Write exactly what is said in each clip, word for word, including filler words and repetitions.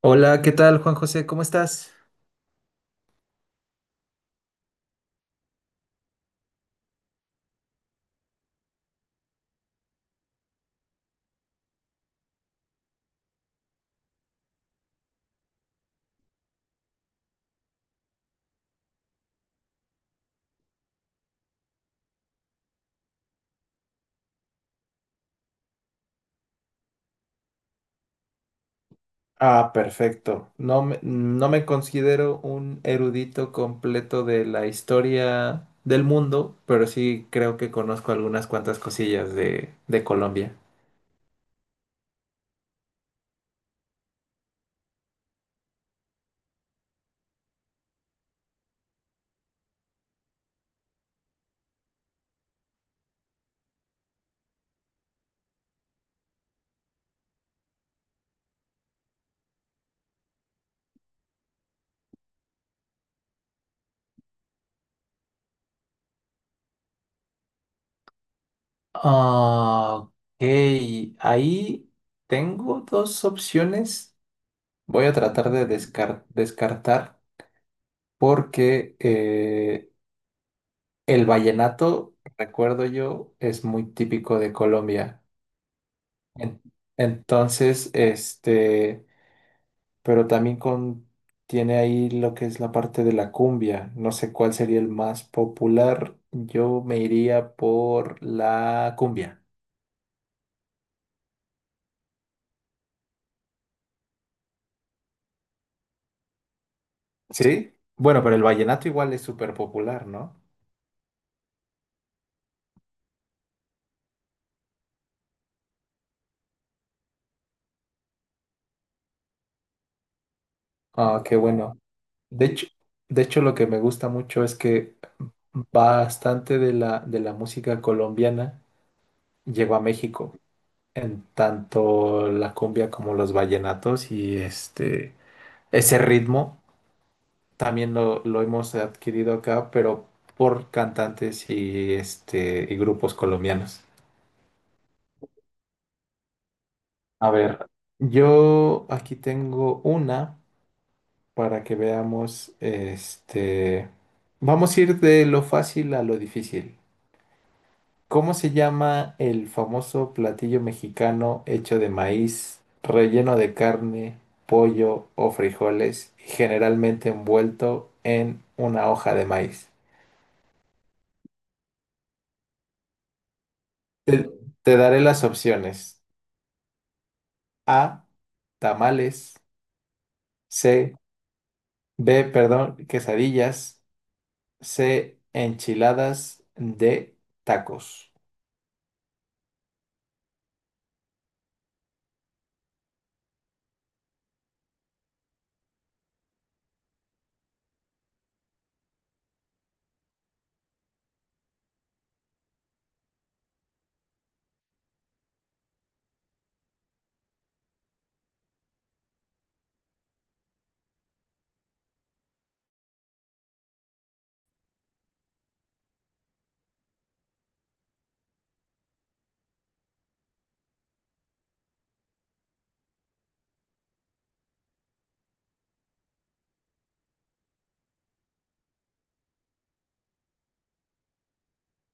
Hola, ¿qué tal, Juan José? ¿Cómo estás? Ah, perfecto. No me, no me considero un erudito completo de la historia del mundo, pero sí creo que conozco algunas cuantas cosillas de, de Colombia. Ah, ok, ahí tengo dos opciones. Voy a tratar de descar- descartar porque eh, el vallenato, recuerdo yo, es muy típico de Colombia. En- Entonces, este, pero también con, tiene ahí lo que es la parte de la cumbia. No sé cuál sería el más popular. Yo me iría por la cumbia. ¿Sí? Bueno, pero el vallenato igual es súper popular, ¿no? Ah, qué bueno. De hecho, de hecho, lo que me gusta mucho es que bastante de la, de la música colombiana llegó a México, en tanto la cumbia como los vallenatos y este ese ritmo también lo, lo hemos adquirido acá, pero por cantantes y, este, y grupos colombianos. A ver, yo aquí tengo una para que veamos, este, vamos a ir de lo fácil a lo difícil. ¿Cómo se llama el famoso platillo mexicano hecho de maíz, relleno de carne, pollo o frijoles y generalmente envuelto en una hoja de maíz? Te, te daré las opciones. A, tamales, C, B, perdón, quesadillas, C, enchiladas, D, tacos.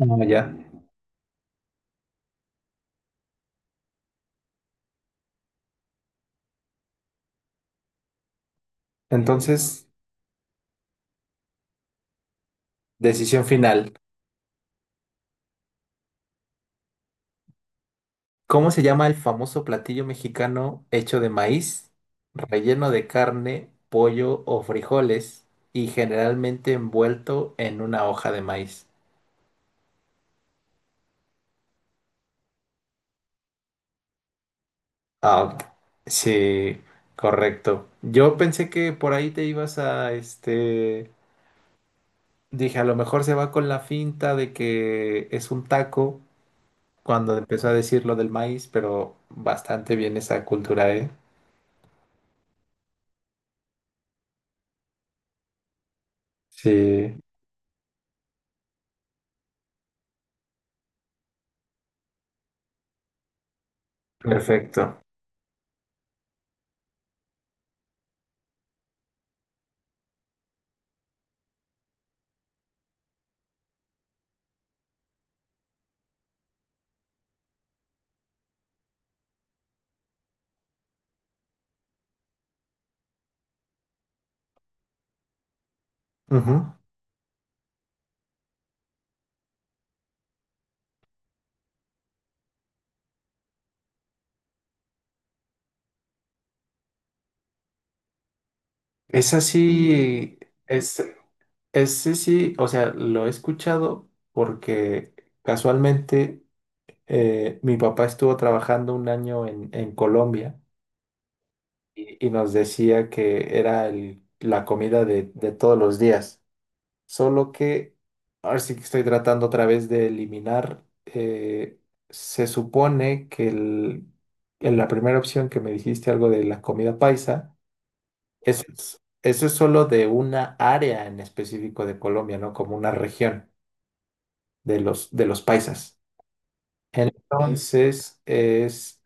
Ah, ya. Entonces, decisión final. ¿Cómo se llama el famoso platillo mexicano hecho de maíz, relleno de carne, pollo o frijoles y generalmente envuelto en una hoja de maíz? Ah, ok, sí, correcto. Yo pensé que por ahí te ibas a este. Dije, a lo mejor se va con la finta de que es un taco cuando empezó a decir lo del maíz, pero bastante bien esa cultura, ¿eh? Sí, perfecto. Ujú. Esa sí, es, ese sí, sí, o sea, lo he escuchado porque casualmente eh, mi papá estuvo trabajando un año en, en Colombia y, y nos decía que era el- la comida de de todos los días. Solo que ahora sí que estoy tratando otra vez de eliminar. Eh, se supone que el- en la primera opción que me dijiste algo de la comida paisa, eso es, eso es solo de una área en específico de Colombia, ¿no? Como una región de los, de los paisas. Entonces, es,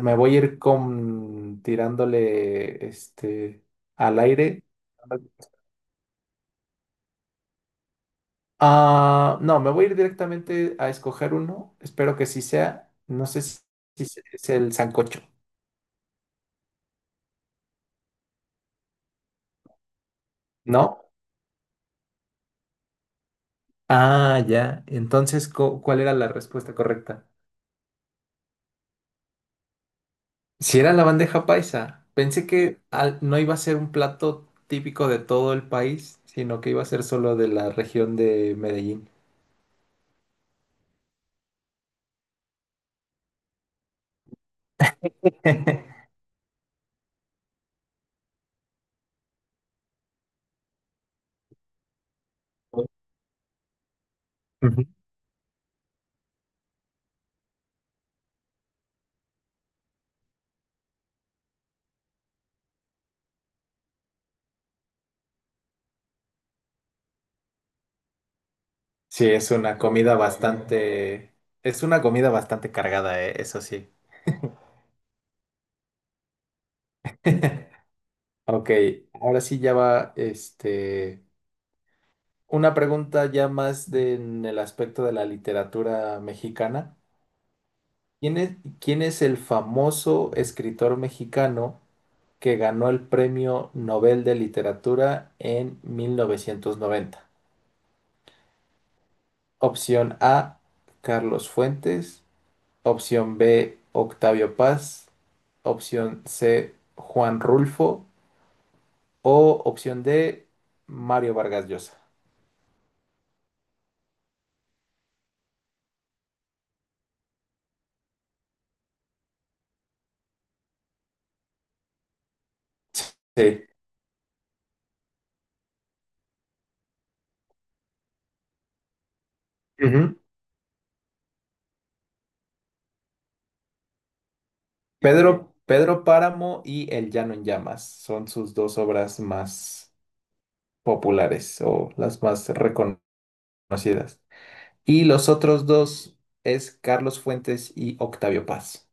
me voy a ir con, tirándole este, al aire. Ah, no, me voy a ir directamente a escoger uno. Espero que sí sea. No sé si, si se- es el sancocho, ¿no? Ah, ya. Entonces, co- ¿cuál era la respuesta correcta? Si era la bandeja paisa. Pensé que al- no iba a ser un plato típico de todo el país, sino que iba a ser solo de la región de Medellín. Ujú. Sí, es una comida bastante, es una comida bastante cargada, eh, eso sí. Ok, ahora sí ya va, este, una pregunta ya más de- en el aspecto de la literatura mexicana. ¿Quién es, ¿quién es el famoso escritor mexicano que ganó el Premio Nobel de Literatura en mil novecientos noventa? Opción A, Carlos Fuentes. Opción B, Octavio Paz. Opción C, Juan Rulfo. O opción D, Mario Vargas Llosa. Sí. Pedro, Pedro Páramo y El Llano en Llamas son sus dos obras más populares o las más reconocidas. Y los otros dos es Carlos Fuentes y Octavio Paz.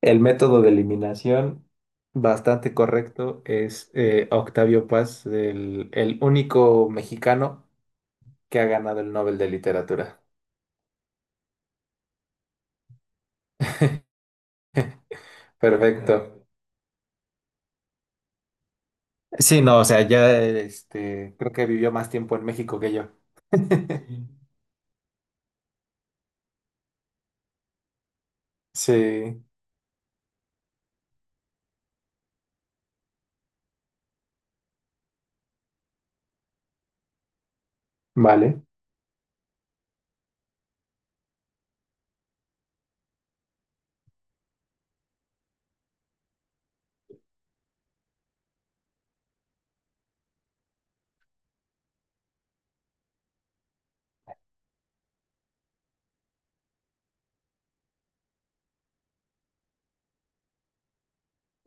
El método de eliminación, bastante correcto, es eh, Octavio Paz, el, el único mexicano que ha ganado el Nobel de Literatura. Perfecto. Sí, no, o sea, ya este, creo que vivió más tiempo en México que yo. Sí, vale.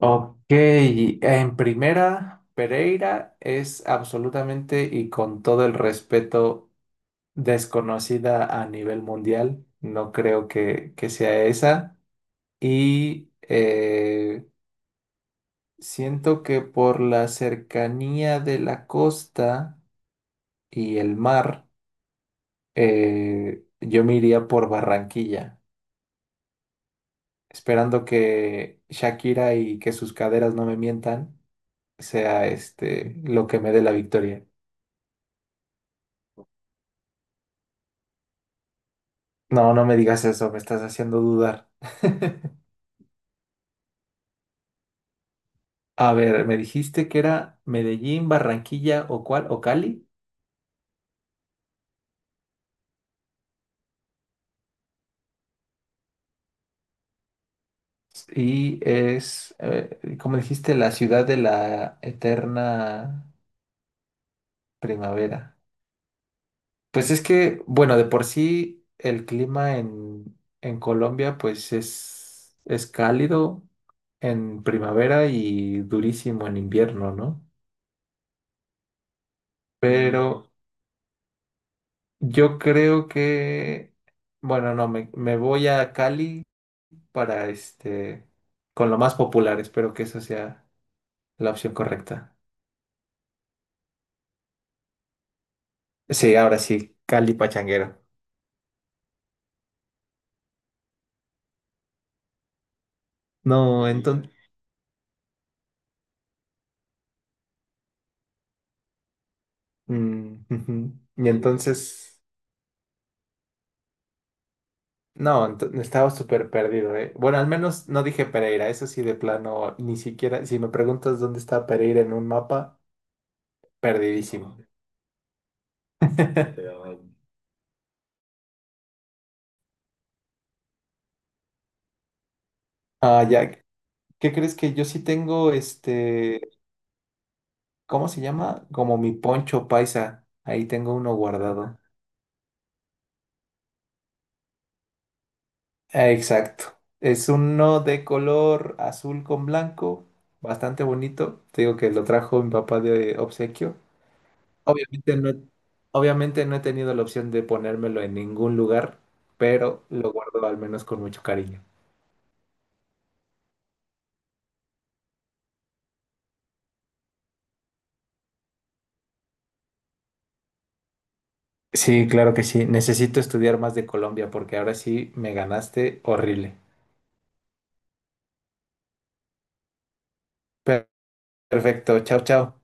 Ok, en primera, Pereira es absolutamente y con todo el respeto desconocida a nivel mundial. No creo que, que sea esa. Y eh, siento que por la cercanía de la costa y el mar, eh, yo me iría por Barranquilla, esperando que Shakira y que sus caderas no me mientan, sea este lo que me dé la victoria. No, no me digas eso, me estás haciendo dudar. A ver, me dijiste que era Medellín, Barranquilla o cuál, o Cali. Y es, eh, como dijiste, la ciudad de la eterna primavera. Pues es que, bueno, de por sí el clima en, en Colombia pues es, es cálido en primavera y durísimo en invierno, ¿no? Mm, pero yo creo que, bueno, no, me, me voy a Cali para este, con lo más popular. Espero que eso sea la opción correcta. Sí, ahora sí, Cali Pachanguero. No, entonces, híjole. Y entonces, no, ento- estaba súper perdido, ¿eh? Bueno, al menos no dije Pereira, eso sí, de plano, ni siquiera, si me preguntas dónde está Pereira en un mapa, perdidísimo. No, te. Ah, ya. ¿Qué crees que yo sí tengo este, ¿cómo se llama? Como mi poncho paisa. Ahí tengo uno guardado. Eh, Exacto. Es uno de color azul con blanco, bastante bonito. Te digo que lo trajo mi papá de obsequio. Obviamente no, he- obviamente no he tenido la opción de ponérmelo en ningún lugar, pero lo guardo al menos con mucho cariño. Sí, claro que sí. Necesito estudiar más de Colombia porque ahora sí me ganaste horrible. Per- Perfecto. Chao, chao.